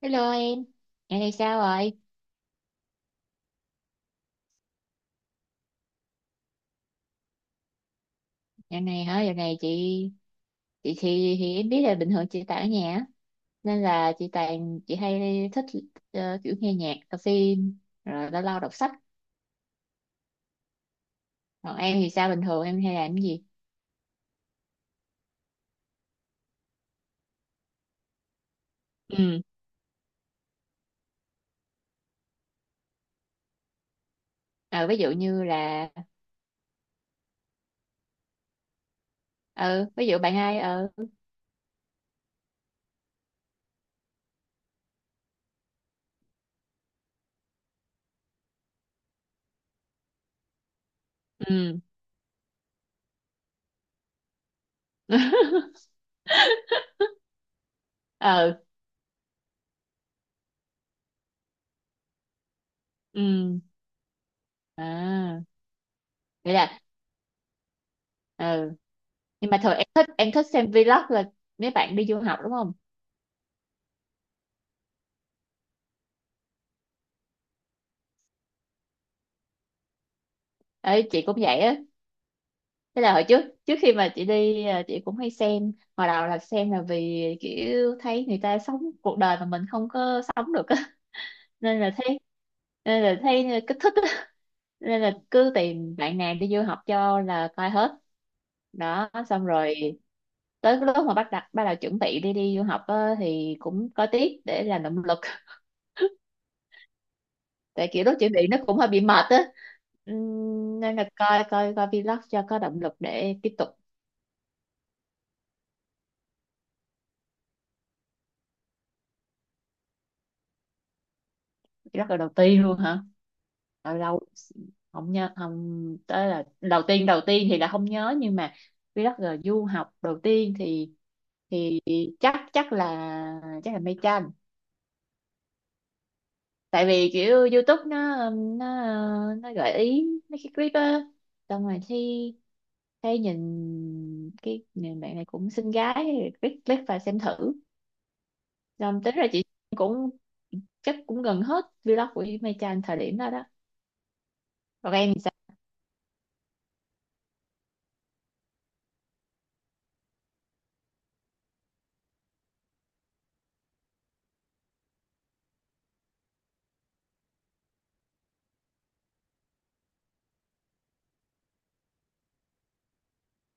Hello em, dạo này sao rồi? Dạo này hả? Dạo này chị thì em biết là bình thường chị tại ở nhà á. Nên là chị hay thích kiểu nghe nhạc, coi phim, rồi lâu lâu đọc sách. Còn em thì sao, bình thường em hay làm cái gì? Ừ, ờ, ví dụ như là ừ, ví dụ bạn ai ừ ừ ừ à, vậy là ừ, nhưng mà thường em thích xem vlog là mấy bạn đi du học đúng không? Ấy, chị cũng vậy á. Thế là hồi trước trước khi mà chị đi à, chị cũng hay xem. Hồi đầu là xem là vì kiểu thấy người ta sống cuộc đời mà mình không có sống được á, nên là thấy nên là thấy kích thích á. Nên là cứ tìm bạn nào đi du học cho là coi hết. Đó, xong rồi tới cái lúc mà bắt đầu chuẩn bị đi đi du học á, thì cũng có tiếc để làm động lực. Tại kiểu lúc chuẩn bị nó cũng hơi bị mệt á. Nên là coi coi coi vlog cho có động lực để tiếp tục. Rất là đầu tiên luôn hả? Lâu lâu không nhớ, không tới là đầu tiên thì là không nhớ, nhưng mà vì rất là du học đầu tiên thì chắc chắc là mây tranh. Tại vì kiểu YouTube nó gợi ý mấy cái clip á, xong rồi thì thấy nhìn cái nhìn bạn này cũng xinh gái, click click và xem thử. Xong tính ra chị cũng chắc cũng gần hết vlog của mây tranh thời điểm đó đó. Còn em thì sao?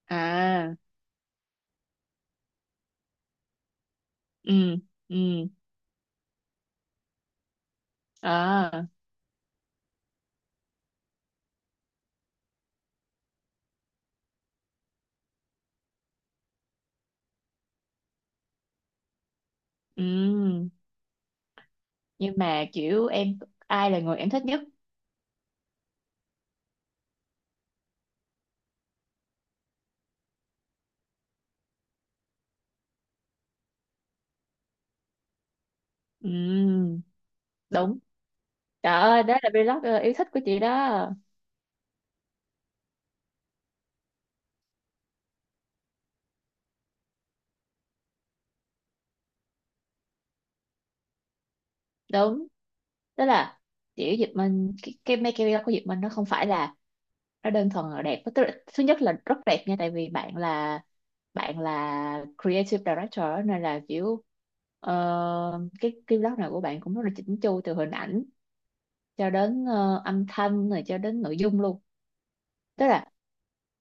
À, ừ ừ à ừ. Nhưng mà kiểu em, ai là người em thích nhất? Ừ, đúng, trời ơi, đó là vlog yêu thích của chị đó. Đúng, tức là kiểu Diệp Minh, cái make vlog của Diệp Minh nó không phải là, nó đơn thuần là đẹp, tức là, thứ nhất là rất đẹp nha, tại vì bạn là creative director á, nên là kiểu ờ, cái vlog nào của bạn cũng rất là chỉnh chu từ hình ảnh cho đến âm thanh rồi cho đến nội dung luôn. Tức là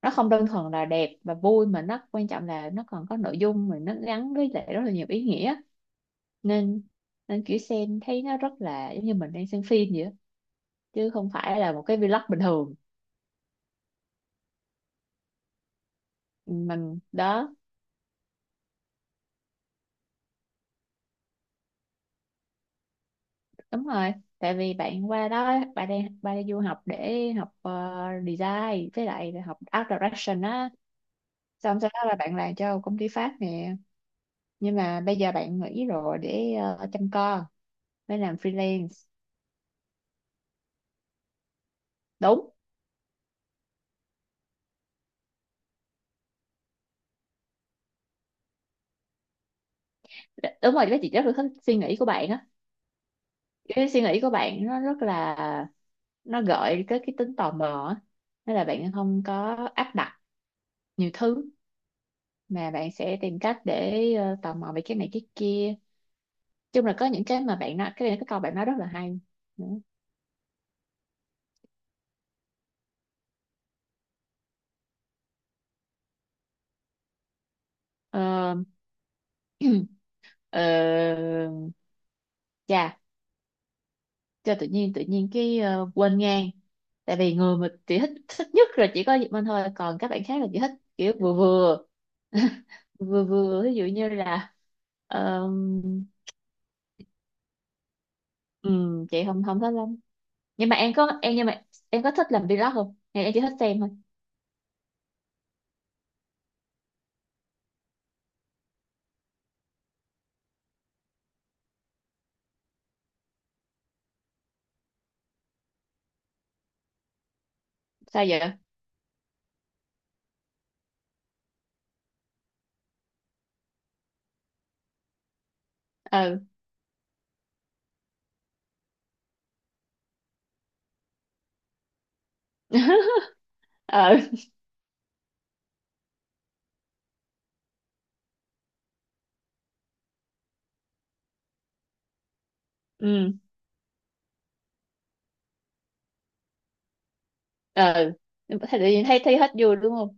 nó không đơn thuần là đẹp và vui, mà nó quan trọng là nó còn có nội dung mà nó gắn với lại rất là nhiều ý nghĩa. Nên nên kiểu xem thấy nó rất là giống như mình đang xem phim vậy á, chứ không phải là một cái vlog bình thường. Mình đó. Đúng rồi, tại vì bạn qua đó bạn đang bạn đi du học để học design với lại học art direction á. Xong sau đó là bạn làm cho công ty Pháp nè, nhưng mà bây giờ bạn nghỉ rồi để chăm con, mới làm freelance. Đúng, đúng rồi, bác chị rất là thích suy nghĩ của bạn á. Cái suy nghĩ của bạn nó rất là, nó gợi tới cái tính tò mò á, nên là bạn không có áp đặt nhiều thứ, mà bạn sẽ tìm cách để tò mò về cái này cái kia. Chung là có những cái mà bạn nói, cái này cái câu bạn nói rất là hay. Đúng. Ờ, ờ, chà, cho tự nhiên quên ngang. Tại vì người mà chị thích thích nhất là chỉ có Diệp Minh thôi, còn các bạn khác là chị thích kiểu vừa vừa. Vừa vừa, ví dụ như là ờm, chị không không thích lắm. Nhưng mà em có thích làm vlog không, hay em chỉ thích xem thôi? Sao vậy? Ừ, ừ ừ ừ. Thì tự nhiên thấy thấy hết vui đúng không.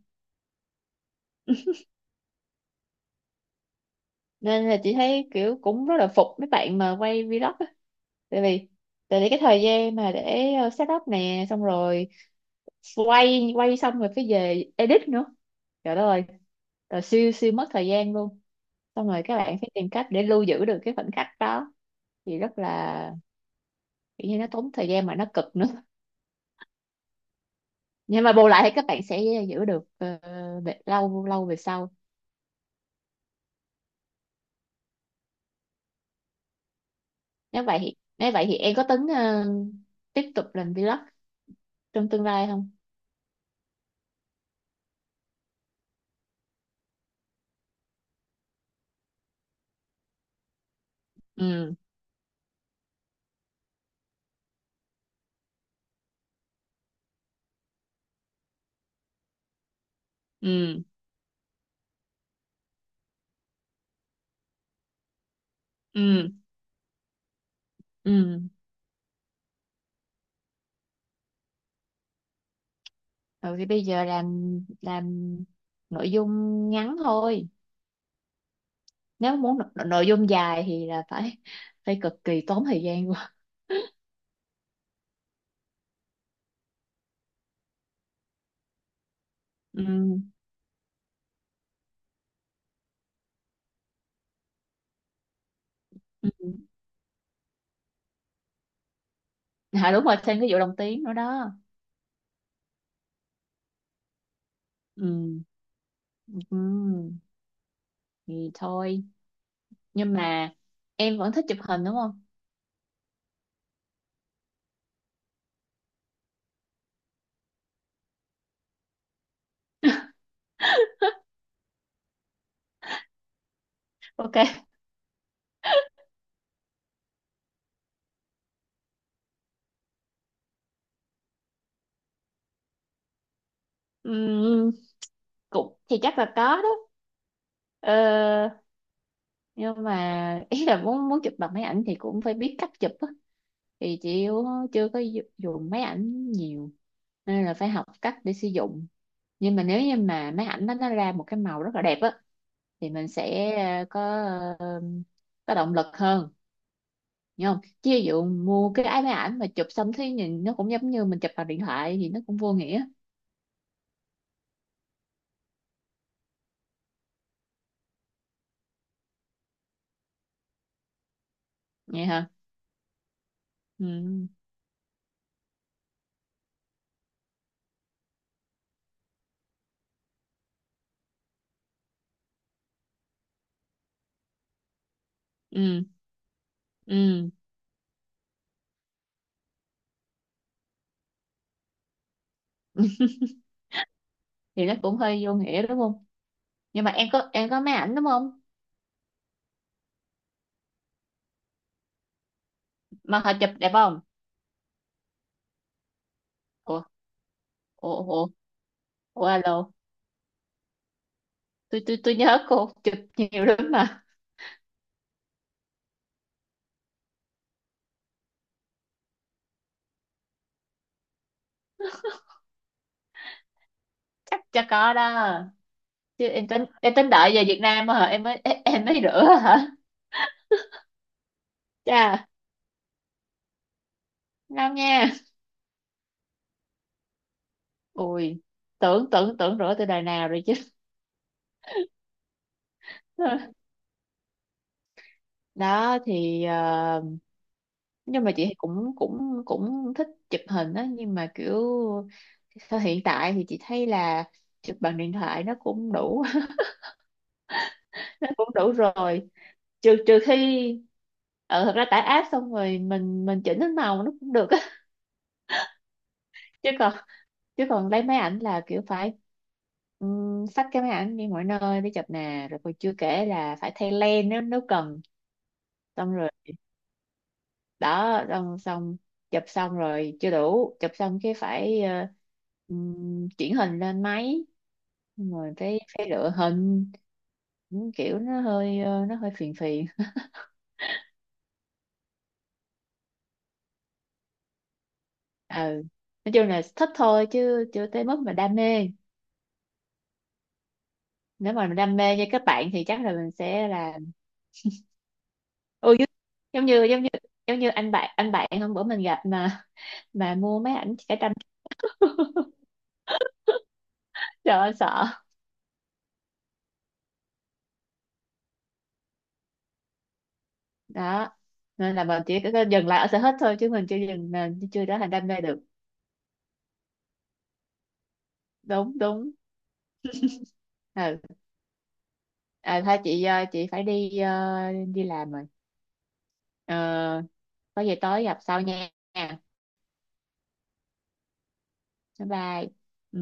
Nên là chị thấy kiểu cũng rất là phục mấy bạn mà quay vlog á. Tại vì tại vì cái thời gian mà để set up nè, xong rồi quay quay xong rồi cái về edit nữa, trời đất ơi, rồi siêu siêu mất thời gian luôn. Xong rồi các bạn phải tìm cách để lưu giữ được cái khoảnh khắc đó thì rất là kiểu như nó tốn thời gian mà nó cực nữa. Nhưng mà bù lại thì các bạn sẽ giữ được về- lâu lâu về sau. Nếu vậy thì em có tính tiếp tục làm vlog trong tương lai không? Ừ ừ ừ ừ. Rồi thì bây giờ làm nội dung ngắn thôi. Nếu muốn nội dung dài thì là phải phải cực kỳ tốn thời gian quá. Ừ. Ừ. À, đúng rồi, thêm cái vụ đồng tiếng nữa đó. Ừ. Ừ. Thì thôi, nhưng mà em vẫn thích chụp hình đúng không? Ok, ừ. Cũng thì chắc là có đó. Ờ, nhưng mà ý là muốn muốn chụp bằng máy ảnh thì cũng phải biết cách chụp á, thì chị yếu, chưa có dùng máy ảnh nhiều, nên là phải học cách để sử dụng. Nhưng mà nếu như mà máy ảnh nó ra một cái màu rất là đẹp á, thì mình sẽ có ờ, có động lực hơn, hiểu không. Chứ ví dụ mua cái máy ảnh mà chụp xong thấy nhìn nó cũng giống như mình chụp bằng điện thoại thì nó cũng vô nghĩa. Vậy hả? Ừ ừ ừ. Thì nó cũng hơi vô nghĩa đúng không. Nhưng mà em có, em có máy ảnh đúng không? Mà họ chụp đẹp không? Ủa, ủa, ủa, ủa, alo, tôi nhớ cô chụp nhiều lắm mà. Chắc cho có đó. Chứ em tính đợi về Việt Nam á hả, em mới em mới rửa hả? Chà, ngon nha, ui, tưởng tưởng tưởng rửa từ đời nào rồi chứ. Đó thì ờ, nhưng mà chị cũng cũng cũng thích chụp hình á, nhưng mà kiểu thời hiện tại thì chị thấy là chụp bằng điện thoại nó cũng đủ. Thế cũng đủ rồi. Trừ trừ khi ờ, thật ra tải app xong rồi mình chỉnh cái màu nó cũng được á. Chứ còn, chứ còn lấy máy ảnh là kiểu phải xách cái máy ảnh đi mọi nơi để chụp nè, rồi còn chưa kể là phải thay lens nếu nếu cần. Xong rồi đó, xong xong, chụp xong rồi chưa đủ, chụp xong cái phải chuyển hình lên máy. Xong rồi phải phải lựa hình. Những kiểu nó hơi ờ, nó hơi phiền phiền. Ừ, nói chung là thích thôi chứ chưa tới mức mà đam mê. Nếu mà mình đam mê như các bạn thì chắc là mình sẽ là, ừ, giống giống như giống như giống như anh bạn hôm bữa mình gặp mà mua mấy ảnh vẽ tranh. Trời ơi sợ. Đó, nên là mình chỉ có dừng lại ở sở thích thôi, chứ mình chưa trở thành đam mê được. Đúng, đúng, ừ. À, thôi chị ờ, chị phải đi ờ, đi làm rồi. Ờ, có gì tối gặp sau nha. Bye bye. Ừ.